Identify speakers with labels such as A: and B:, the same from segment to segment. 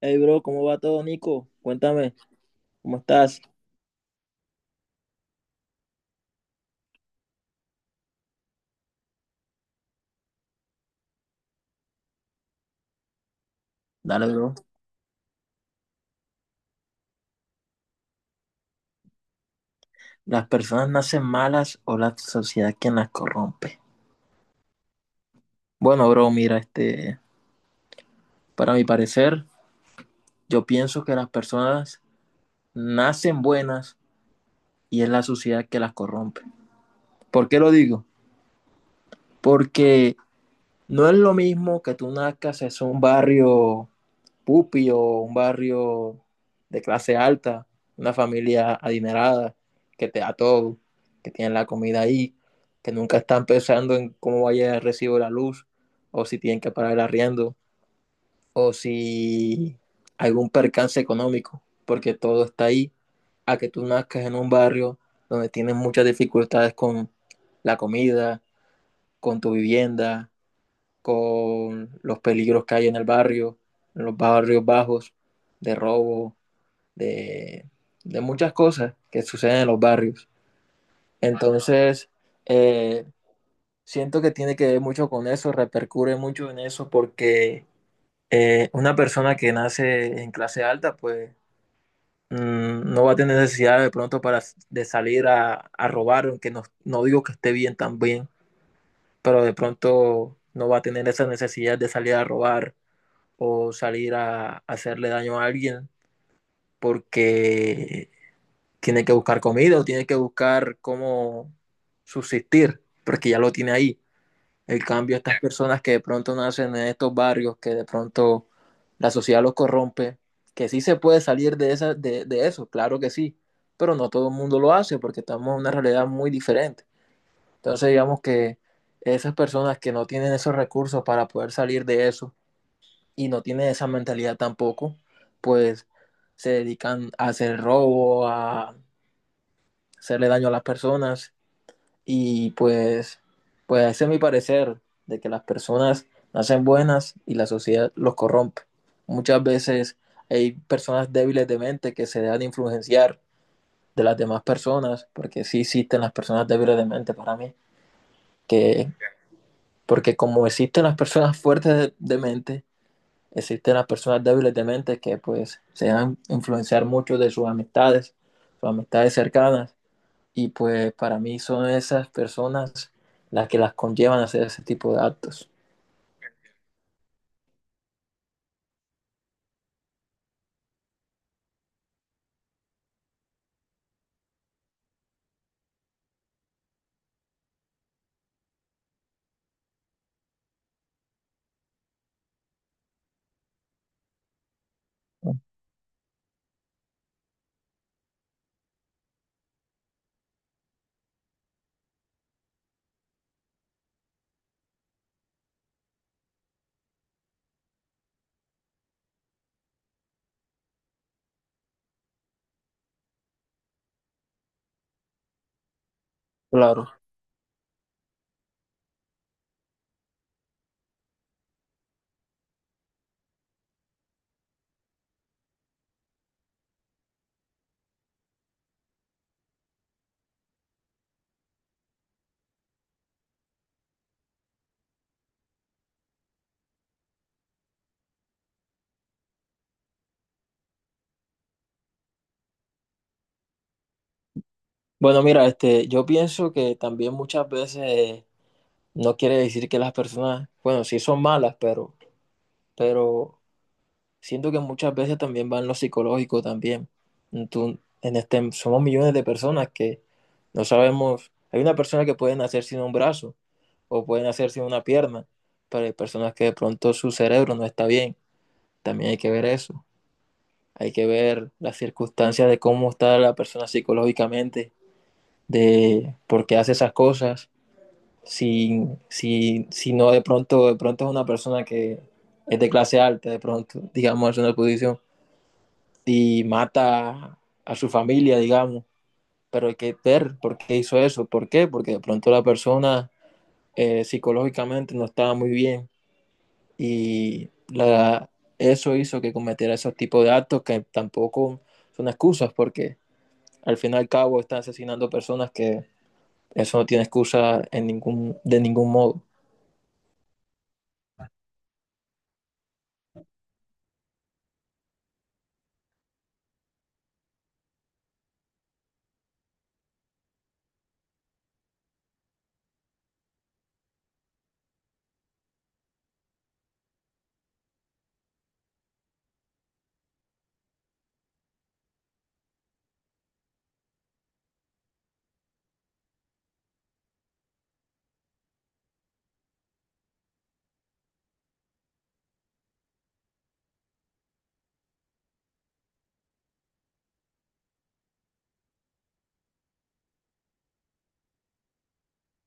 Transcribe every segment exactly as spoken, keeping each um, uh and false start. A: Hey, bro, ¿cómo va todo, Nico? Cuéntame, ¿cómo estás? Dale, bro. ¿Las personas nacen malas o la sociedad quien las corrompe? Bueno, bro, mira, este, para mi parecer, yo pienso que las personas nacen buenas y es la sociedad que las corrompe. ¿Por qué lo digo? Porque No es lo mismo que tú nazcas en un barrio pupi o un barrio de clase alta, una familia adinerada, que te da todo, que tienen la comida ahí, que nunca están pensando en cómo vaya el recibo de la luz, o si tienen que pagar el arriendo, o si algún percance económico, porque todo está ahí, a que tú nazcas en un barrio donde tienes muchas dificultades con la comida, con tu vivienda, con los peligros que hay en el barrio, en los barrios bajos, de robo, de, de muchas cosas que suceden en los barrios. Entonces, eh, siento que tiene que ver mucho con eso, repercute mucho en eso, porque eh, una persona que nace en clase alta, pues mm, no va a tener necesidad de pronto para, de salir a, a robar, aunque no, no digo que esté bien también, pero de pronto no va a tener esa necesidad de salir a robar o salir a, a hacerle daño a alguien porque tiene que buscar comida o tiene que buscar cómo subsistir, porque ya lo tiene ahí. El cambio, estas personas que de pronto nacen en estos barrios, que de pronto la sociedad los corrompe, que sí se puede salir de, esa, de, de eso, claro que sí, pero no todo el mundo lo hace porque estamos en una realidad muy diferente. Entonces digamos que esas personas que no tienen esos recursos para poder salir de eso, y no tienen esa mentalidad tampoco, pues se dedican a hacer robo, a hacerle daño a las personas y pues, pues ese es mi parecer de que las personas nacen buenas y la sociedad los corrompe. Muchas veces hay personas débiles de mente que se dejan influenciar de las demás personas, porque sí existen las personas débiles de mente para mí, que porque como existen las personas fuertes de, de mente, existen las personas débiles de mente que pues se dejan influenciar mucho de sus amistades, sus amistades cercanas, y pues para mí son esas personas las que las conllevan a hacer ese tipo de actos. Claro. Bueno, mira, este, yo pienso que también muchas veces eh, no quiere decir que las personas, bueno, sí son malas, pero, pero siento que muchas veces también va en lo psicológico también. Entu- en este, somos millones de personas que no sabemos, hay una persona que puede nacer sin un brazo o puede nacer sin una pierna, pero hay personas que de pronto su cerebro no está bien. También hay que ver eso. Hay que ver las circunstancias de cómo está la persona psicológicamente, de por qué hace esas cosas. Si, si, si no de pronto, de pronto es una persona que es de clase alta, de pronto, digamos, es una posición y mata a su familia, digamos. Pero hay que ver por qué hizo eso, por qué, porque de pronto la persona eh, psicológicamente no estaba muy bien y la, eso hizo que cometiera esos tipos de actos que tampoco son excusas, porque al fin y al cabo están asesinando personas que eso no tiene excusa en ningún, de ningún modo.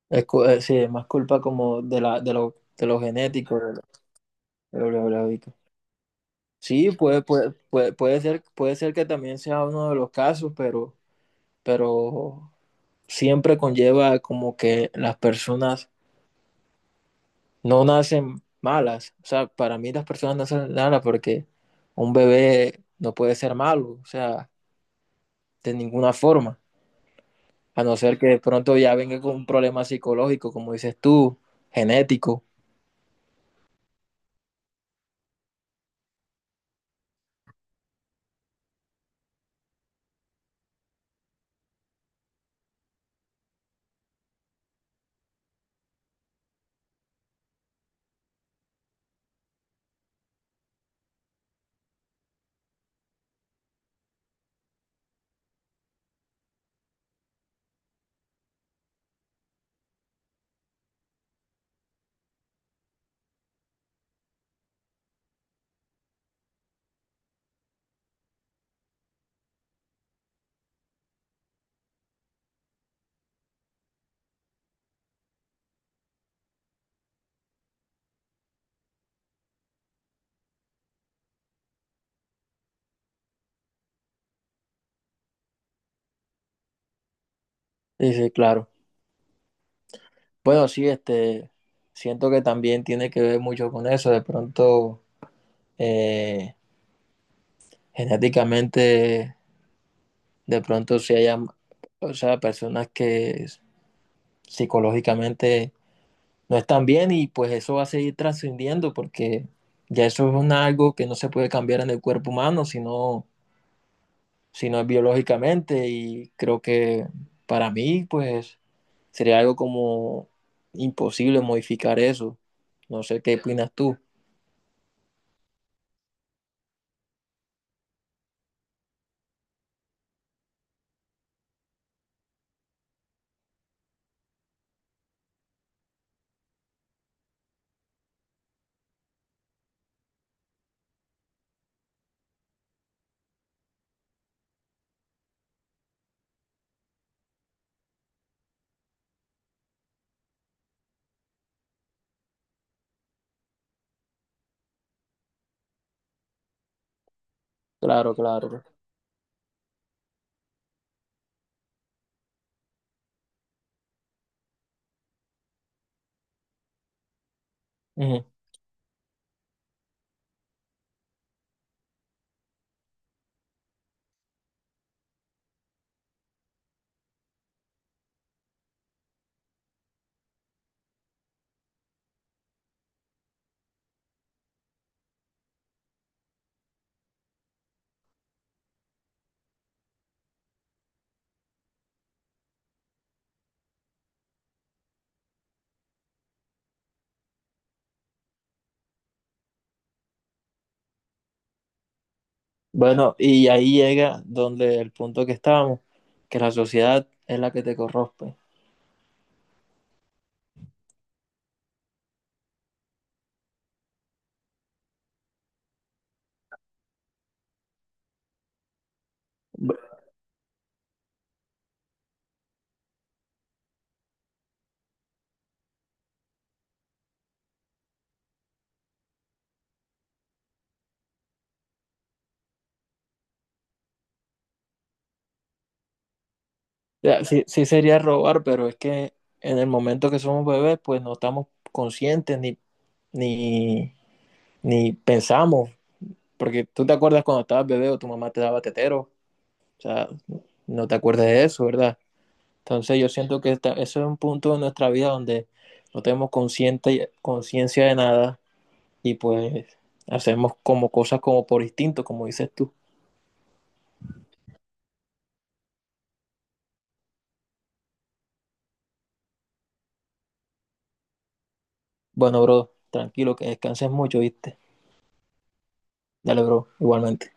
A: Es, sí, es más culpa como de, la, de, lo, de lo genético, de lo, de lo, de lo de... Sí, puede, puede, puede, puede ser, puede ser que también sea uno de los casos, pero, pero siempre conlleva como que las personas no nacen malas. O sea, para mí las personas nacen malas porque un bebé no puede ser malo, o sea, de ninguna forma, a no ser que de pronto ya venga con un problema psicológico, como dices tú, genético. Dice, claro. Bueno, sí, este, siento que también tiene que ver mucho con eso, de pronto... eh, genéticamente de pronto si haya, o sea, personas que psicológicamente no están bien y pues eso va a seguir trascendiendo porque ya eso es una, algo que no se puede cambiar en el cuerpo humano, sino, sino es biológicamente y creo que para mí pues sería algo como imposible modificar eso. No sé qué opinas tú. Claro, claro. Ujú. Bueno, y ahí llega donde el punto que estábamos, que la sociedad es la que te corrompe. O sea, sí, sí sería robar, pero es que en el momento que somos bebés, pues no estamos conscientes ni, ni, ni pensamos, porque tú te acuerdas cuando estabas bebé o tu mamá te daba tetero, o sea, no te acuerdas de eso, ¿verdad? Entonces yo siento que esta- eso es un punto de nuestra vida donde no tenemos consciente, conciencia de nada y pues hacemos como cosas como por instinto, como dices tú. Bueno, bro, tranquilo, que descanses mucho, ¿viste? Dale, bro, igualmente.